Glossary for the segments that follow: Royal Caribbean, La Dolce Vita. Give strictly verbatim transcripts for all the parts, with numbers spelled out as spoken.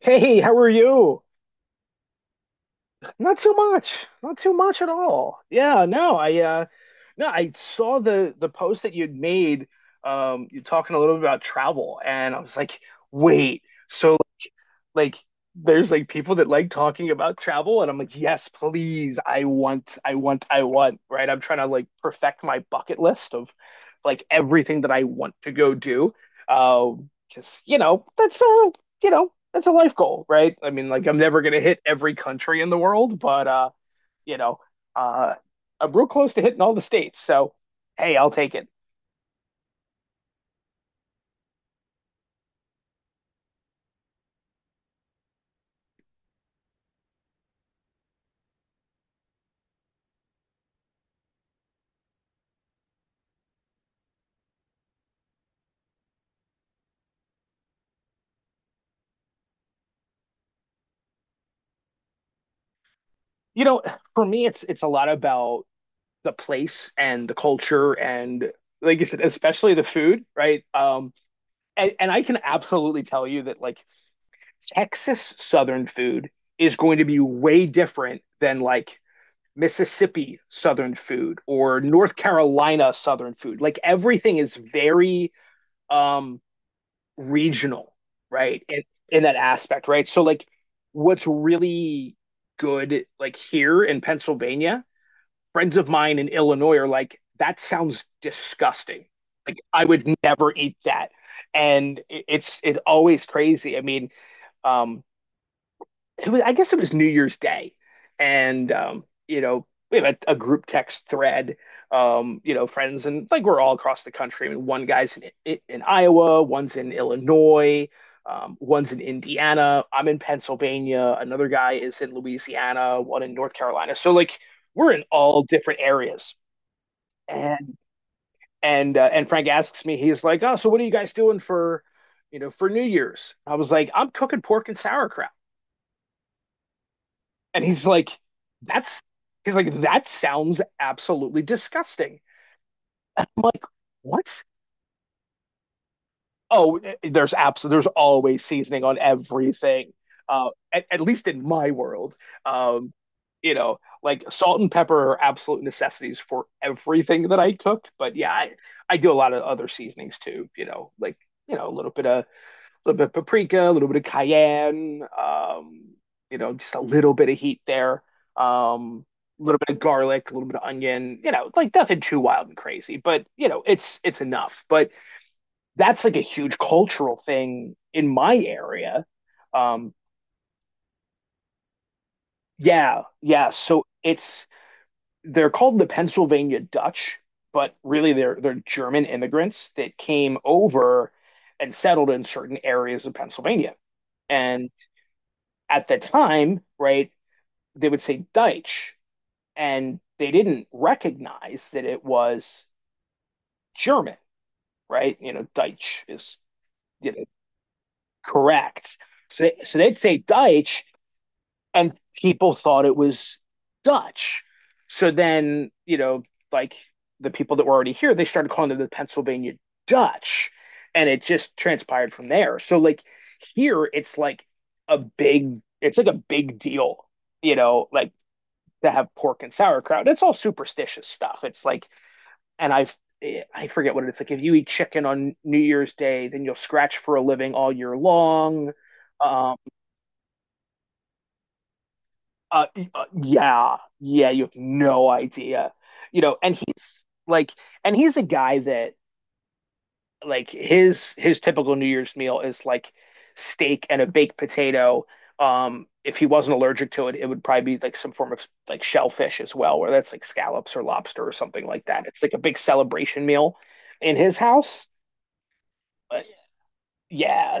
Hey, how are you? Not too much. Not too much at all. Yeah, no, I uh no, I saw the the post that you'd made, um you talking a little bit about travel and I was like, wait. So like there's like people that like talking about travel and I'm like, yes, please. I want, I want, I want, right? I'm trying to like perfect my bucket list of like everything that I want to go do. Um, because you know, that's a, you know, that's a life goal, right? I mean, like I'm never gonna hit every country in the world, but uh, you know, uh I'm real close to hitting all the states. So hey, I'll take it. You know, for me it's it's a lot about the place and the culture and like you said, especially the food, right? Um, and, and I can absolutely tell you that like Texas Southern food is going to be way different than like Mississippi Southern food or North Carolina Southern food. Like everything is very, um, regional, right? In, in that aspect, right? So like what's really good like here in Pennsylvania, friends of mine in Illinois are like, that sounds disgusting. Like I would never eat that. And it's it's always crazy. I mean, um, it was, I guess it was New Year's Day. And, um, you know, we have a, a group text thread, um, you know, friends, and like we're all across the country. I mean, one guy's in, in, Iowa, one's in Illinois, um, one's in Indiana, I'm in Pennsylvania, another guy is in Louisiana, one in North Carolina. So, like, we're in all different areas. And, and, uh, and Frank asks me, he's like, oh, so what are you guys doing for, you know, for New Year's? I was like, I'm cooking pork and sauerkraut. And he's like, that's he's like, that sounds absolutely disgusting. I'm like, what? Oh, eh, eh, there's absolutely there's always seasoning on everything. Uh, at, at least in my world. Um, you know, like salt and pepper are absolute necessities for everything that I cook. But yeah, I, I do a lot of other seasonings too, you know, like, you know, a little bit of little bit of paprika, a little bit of cayenne, um, you know, just a little bit of heat there, um, a little bit of garlic, a little bit of onion, you know, like nothing too wild and crazy, but you know, it's it's enough. But that's like a huge cultural thing in my area. Um, yeah, yeah. So it's they're called the Pennsylvania Dutch, but really they're they're German immigrants that came over and settled in certain areas of Pennsylvania. And at the time, right, they would say Deutsch, and they didn't recognize that it was German, right? You know, Deutsch is, you know, correct. So, so they'd say Deutsch, and people thought it was Dutch. So then, you know, like the people that were already here, they started calling it the Pennsylvania Dutch, and it just transpired from there. So like here, it's like a big, it's like a big deal, you know, like that have pork and sauerkraut. It's all superstitious stuff. It's like, and I've I forget what it is. Like if you eat chicken on New Year's Day, then you'll scratch for a living all year long. Um, uh, uh, yeah, yeah, you have no idea, you know. And he's like, and he's a guy that like his his typical New Year's meal is like steak and a baked potato. Um, if he wasn't allergic to it, it would probably be like some form of like shellfish as well, where that's like scallops or lobster or something like that. It's like a big celebration meal in his house. But yeah.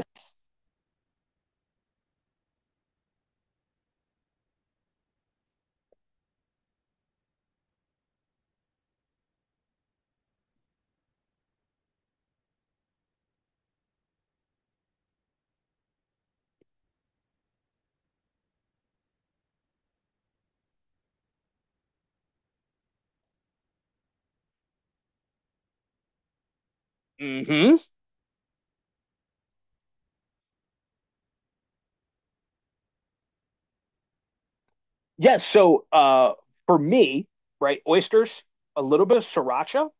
Hmm. Yes. Yeah, so uh for me, right, oysters, a little bit of sriracha,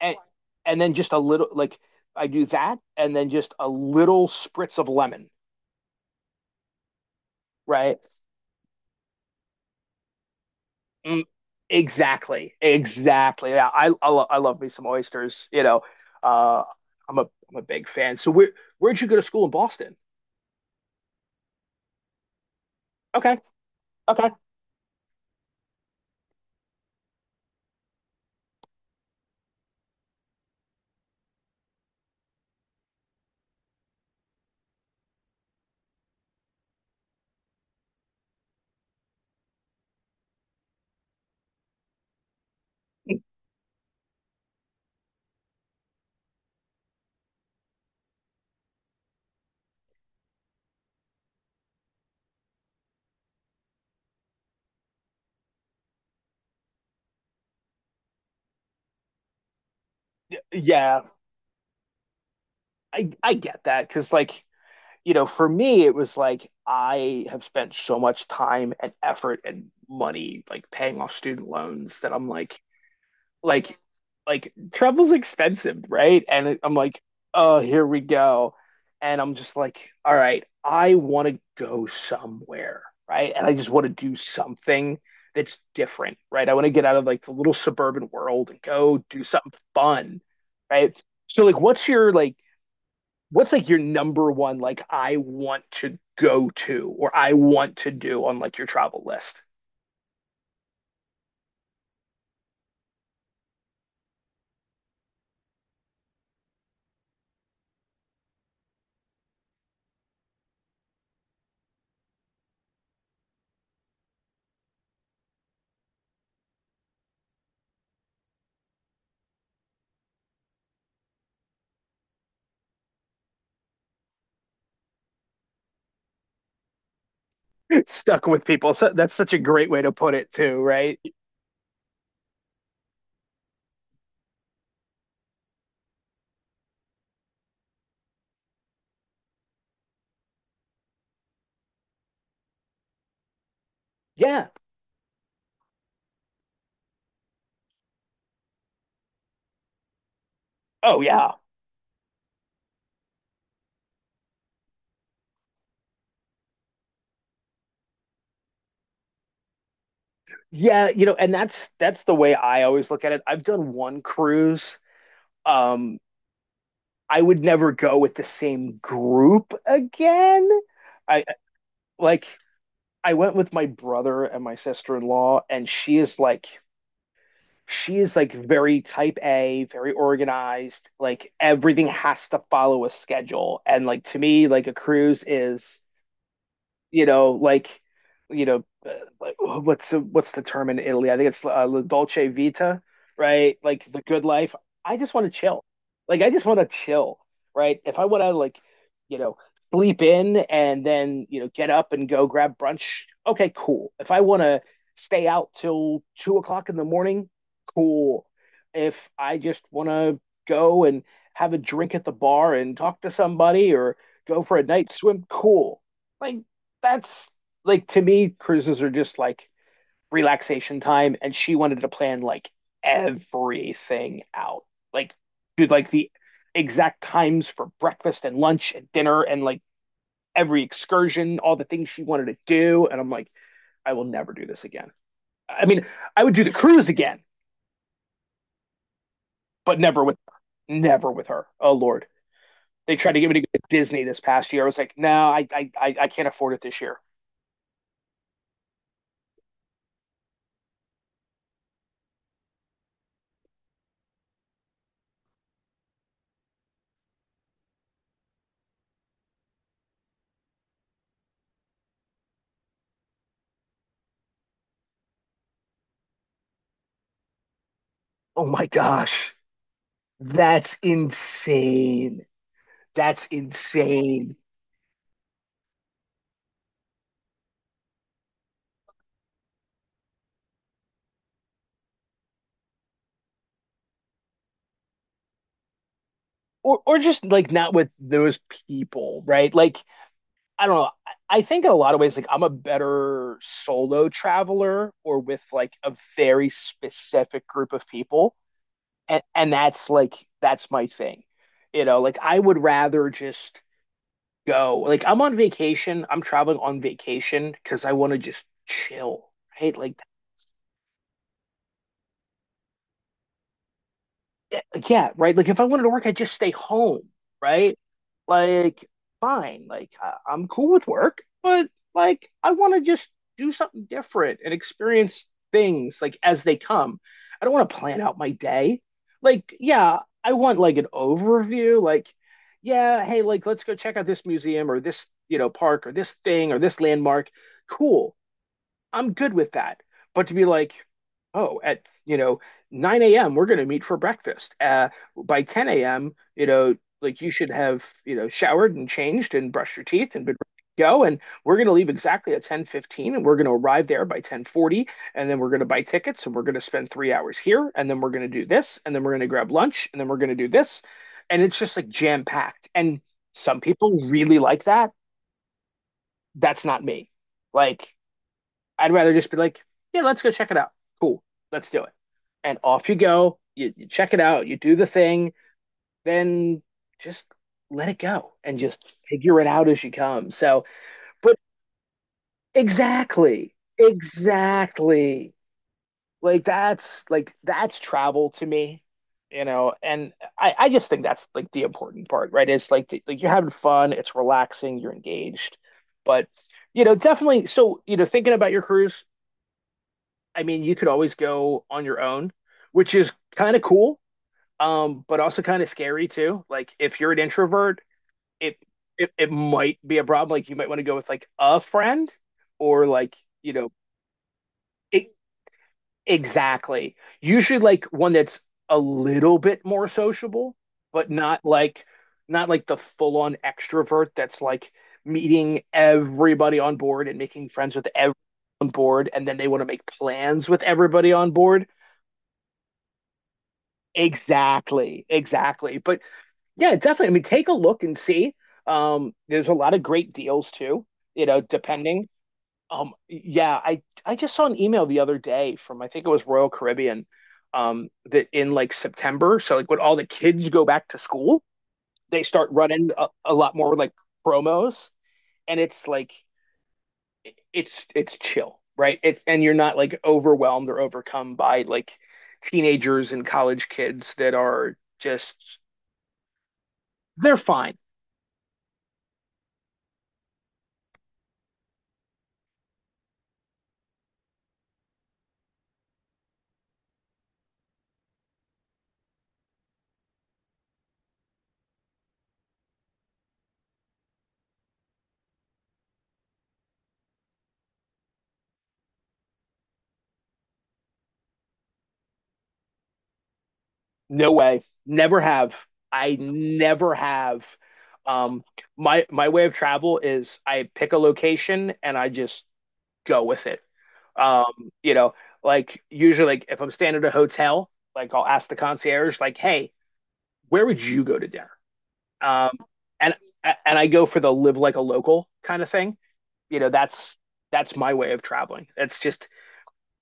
and and then just a little like I do that, and then just a little spritz of lemon, right? Mm. Exactly, exactly. Yeah, I I, lo I love me some oysters. You know, uh, I'm a I'm a big fan. So where where'd you go to school in Boston? Okay, okay. Y- Yeah, I I get that because like, you know, for me it was like I have spent so much time and effort and money like paying off student loans that I'm like, like like travel's expensive, right? And it, I'm like, oh, here we go. And I'm just like, all right, I want to go somewhere, right? And I just want to do something that's different, right? I want to get out of like the little suburban world and go do something fun, right? So like, what's your like, what's like your number one like I want to go to or I want to do on like your travel list? Stuck with people. So that's such a great way to put it too, right? Yeah. Oh yeah. Yeah, you know, and that's that's the way I always look at it. I've done one cruise. Um, I would never go with the same group again. I Like I went with my brother and my sister-in-law and she is like she is like very type A, very organized. Like everything has to follow a schedule. And like to me, like a cruise is, you know, like, you know, uh, like uh, what's the, what's the term in Italy? I think it's uh, La Dolce Vita, right? Like the good life. I just want to chill. Like I just want to chill, right? If I want to like, you know, sleep in and then, you know, get up and go grab brunch, okay, cool. If I want to stay out till two o'clock in the morning, cool. If I just want to go and have a drink at the bar and talk to somebody or go for a night swim, cool. Like that's like to me, cruises are just like relaxation time, and she wanted to plan like everything out, like do like the exact times for breakfast and lunch and dinner and like every excursion, all the things she wanted to do, and I'm like, I will never do this again. I mean, I would do the cruise again, but never with her. Never with her. Oh Lord. They tried to get me to go to Disney this past year. I was like, no, I I I can't afford it this year. Oh my gosh. That's insane. That's insane. Or or just like not with those people, right? Like I don't know. I think in a lot of ways, like I'm a better solo traveler or with like a very specific group of people. And and that's like that's my thing. You know, like I would rather just go. Like I'm on vacation. I'm traveling on vacation because I want to just chill, right? Like yeah, right. Like if I wanted to work, I'd just stay home, right? Like fine, like I, I'm cool with work, but like I want to just do something different and experience things like as they come. I don't want to plan out my day. Like yeah, I want like an overview, like yeah, hey, like let's go check out this museum or this, you know, park or this thing or this landmark. Cool. I'm good with that. But to be like, oh, at you know nine a m we're going to meet for breakfast. Uh, by ten a m you know like you should have you know showered and changed and brushed your teeth and been ready to go. And we're going to leave exactly at ten fifteen and we're going to arrive there by ten forty and then we're going to buy tickets and we're going to spend three hours here and then we're going to do this and then we're going to grab lunch and then we're going to do this. And it's just like jam packed. And some people really like that. That's not me. Like I'd rather just be like, yeah, let's go check it out. Cool, let's do it. And off you go. You, you check it out, you do the thing, then just let it go and just figure it out as you come. So, but exactly, exactly. Like that's like that's travel to me, you know, and I, I just think that's like the important part, right? It's like the, like you're having fun, it's relaxing, you're engaged, but you know, definitely. So, you know, thinking about your cruise, I mean, you could always go on your own, which is kind of cool, um, but also kind of scary too. Like if you're an introvert, it, it it might be a problem. Like you might want to go with like a friend or like, you know, e- exactly. Usually like one that's a little bit more sociable, but not like not like the full-on extrovert that's like meeting everybody on board and making friends with everyone on board and then they want to make plans with everybody on board. Exactly, exactly. But yeah, definitely. I mean, take a look and see. Um, there's a lot of great deals too, you know, depending. Um, yeah, I I just saw an email the other day from I think it was Royal Caribbean, um, that in like September, so like when all the kids go back to school, they start running a, a lot more like promos, and it's like it's it's chill, right? It's and you're not like overwhelmed or overcome by like teenagers and college kids that are just They're fine. No way. Never have. I never have. Um, my my way of travel is I pick a location and I just go with it. Um, you know, like usually like if I'm staying at a hotel, like I'll ask the concierge, like, hey, where would you go to dinner? Um, and and I go for the live like a local kind of thing. You know, that's that's my way of traveling. It's just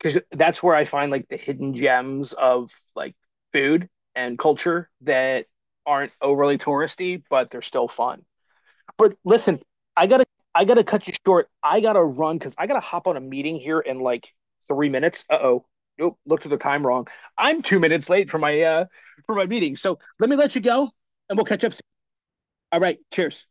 because that's where I find like the hidden gems of like food and culture that aren't overly touristy, but they're still fun. But listen, I gotta I gotta cut you short. I gotta run because I gotta hop on a meeting here in like three minutes. Uh oh. Nope, looked at the time wrong. I'm two minutes late for my uh for my meeting. So let me let you go and we'll catch up soon. All right, cheers.